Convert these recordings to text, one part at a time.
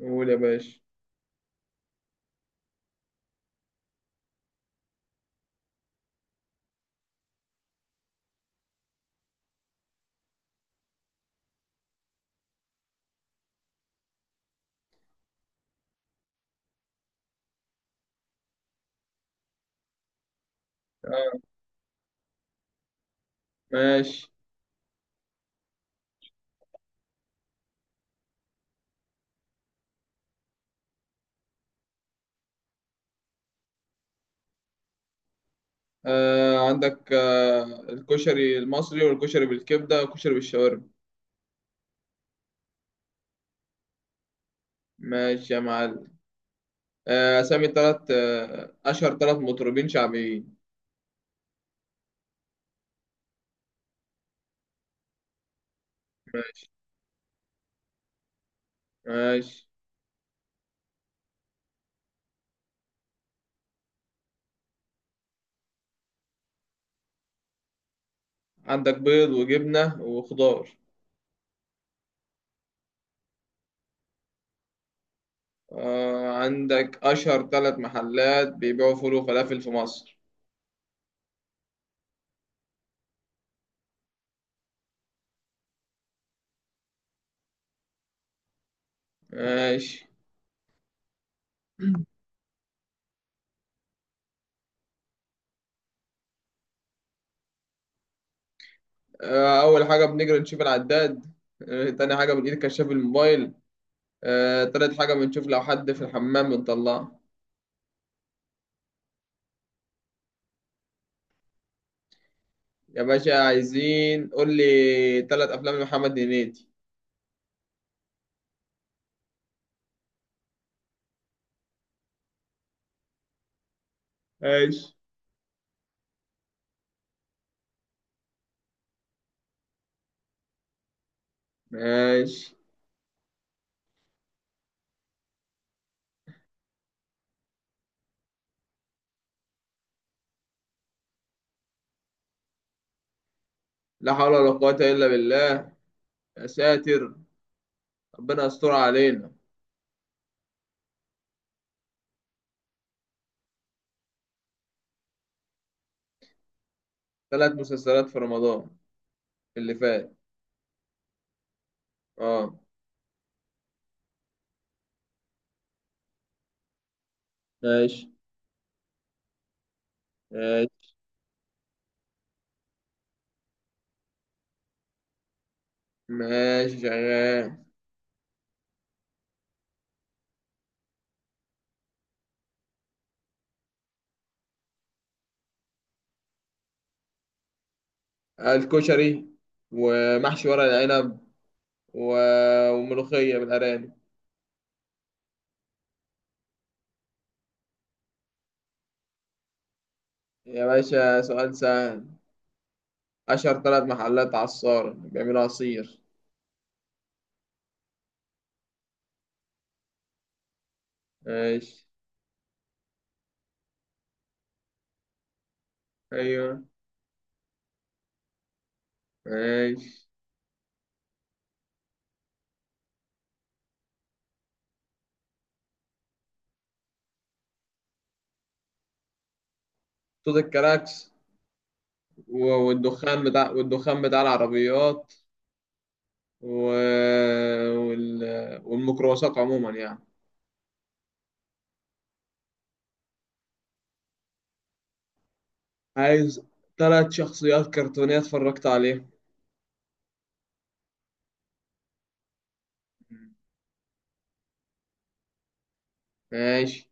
قول يا باشا. آه. ماشي. آه، عندك الكشري المصري والكشري بالكبدة والكشري بالشاورما. ماشي يا معلم. أسامي تلات آه أشهر 3 مطربين شعبيين. ماشي. عندك بيض وجبنة وخضار. آه، عندك أشهر 3 محلات بيبيعوا فول وفلافل في مصر. ماشي. أول حاجة بنجري نشوف العداد. تاني حاجة بنجيب كشاف الموبايل. تالت حاجة بنشوف لو حد في الحمام بنطلعه. يا باشا، عايزين قول لي 3 افلام لمحمد هنيدي. ماشي. ماشي. لا حول ولا قوة الا بالله. يا ساتر. ربنا يستر علينا. 3 مسلسلات في رمضان اللي فات. اه. ماشي. ماشي. ماشي شغال. الكشري، ومحشي ورق العنب، و... وملوخية بالأرانب. يا باشا، سؤال سهل. أشهر 3 محلات عصارة بيعملوا عصير. ماشي. أيوه. ماشي. صوت الكراكس، والدخان بتاع العربيات، و... وال... والميكروباصات عموما يعني. عايز 3 شخصيات كرتونية اتفرجت عليهم. ماشي.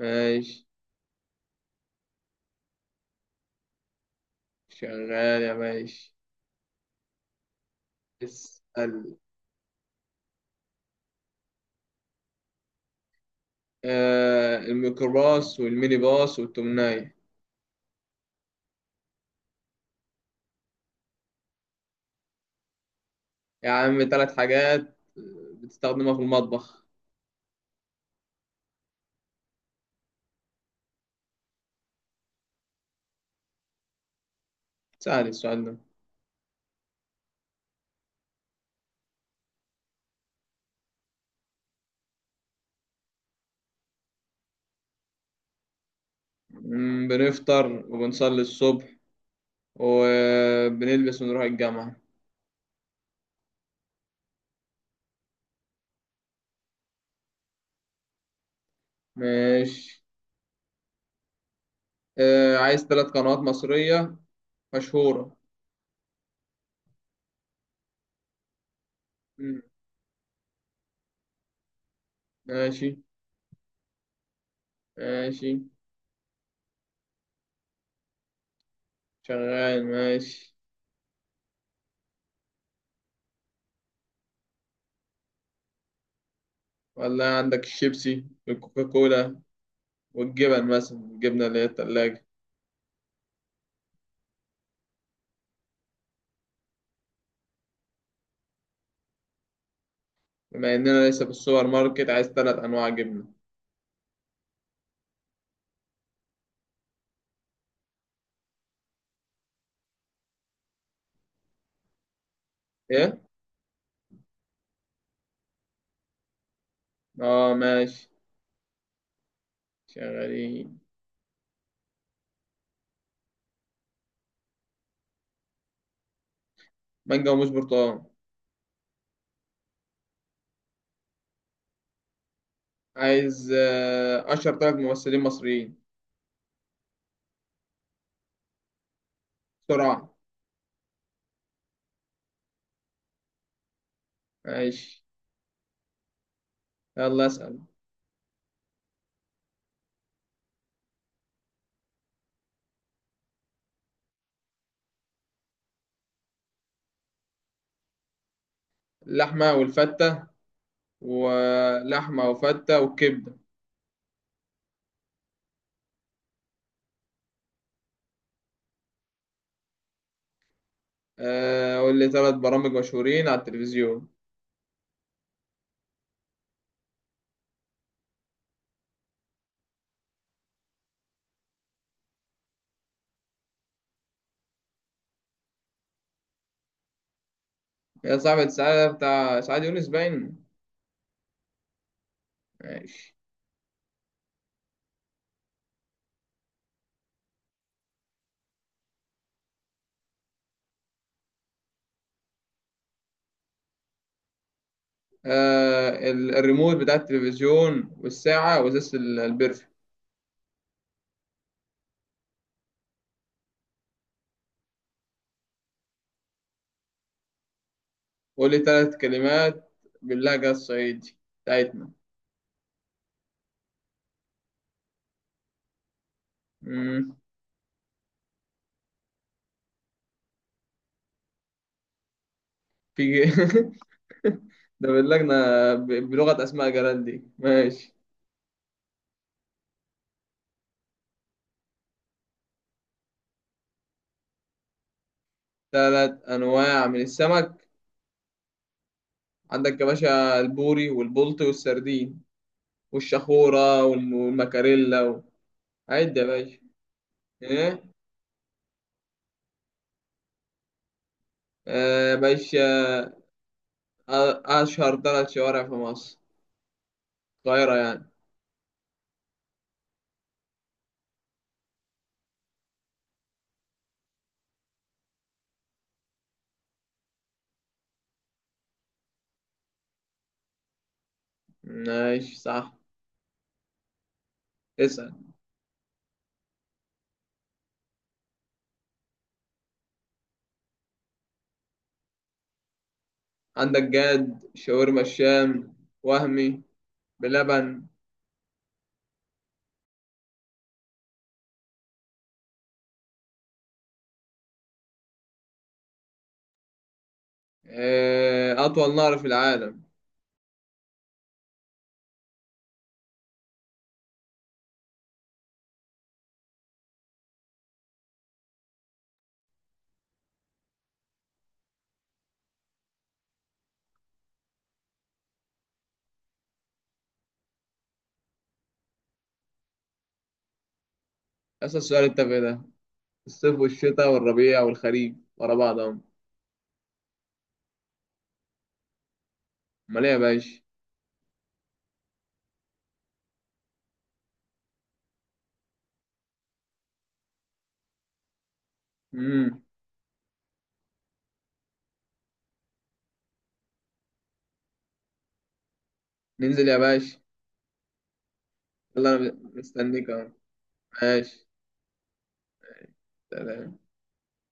ماشي. شغال يا باشا. اسأل. آه، الميكروباص والميني باص والتمناية. يا عم، 3 حاجات بتستخدمها في المطبخ. سهل السؤال ده. بنفطر وبنصلي الصبح، وبنلبس ونروح الجامعة. ماشي. آه، عايز 3 قنوات مصرية مشهورة. مم. ماشي. ماشي. شغال. ماشي. ولا عندك الشيبسي والكوكا كولا، والجبن مثلا، الجبنة اللي هي التلاجة. بما إننا لسه في السوبر ماركت، عايز 3 أنواع جبنة. إيه؟ آه، ماشي. شغالين. مانجا وموز برتقال. عايز أشهر 3 ممثلين مصريين. بسرعة. ماشي. يلا اسأل. اللحمة والفتة. ولحمة وفتة والكبدة. آه، قول لي 3 برامج مشهورين على التلفزيون. يا صاحبي، سعادة بتاع سعاد يونس باين. ماشي. الريموت بتاع التلفزيون، والساعة، وإزازة البرفي. قول لي 3 كلمات باللهجة الصعيدي بتاعتنا. مم. في ده باللجنة. بلغة أسماء جلال دي. ماشي. 3 أنواع من السمك. عندك يا باشا البوري والبلطي والسردين والشخورة والمكاريلا. عد يا باشا. إيه. آه، باشا. آه، أشهر 3 شوارع في مصر، القاهرة يعني. ماشي صح. اسأل. عندك جاد، شاورما الشام، وهمي بلبن. آه، أطول نهر في العالم. أسأل السؤال التافه ده. الصيف والشتاء والربيع والخريف ورا بعضهم. أمال إيه يا باشا. مم. ننزل يا باشا. يلا أنا مستنيك أهو. ماشي. سلام.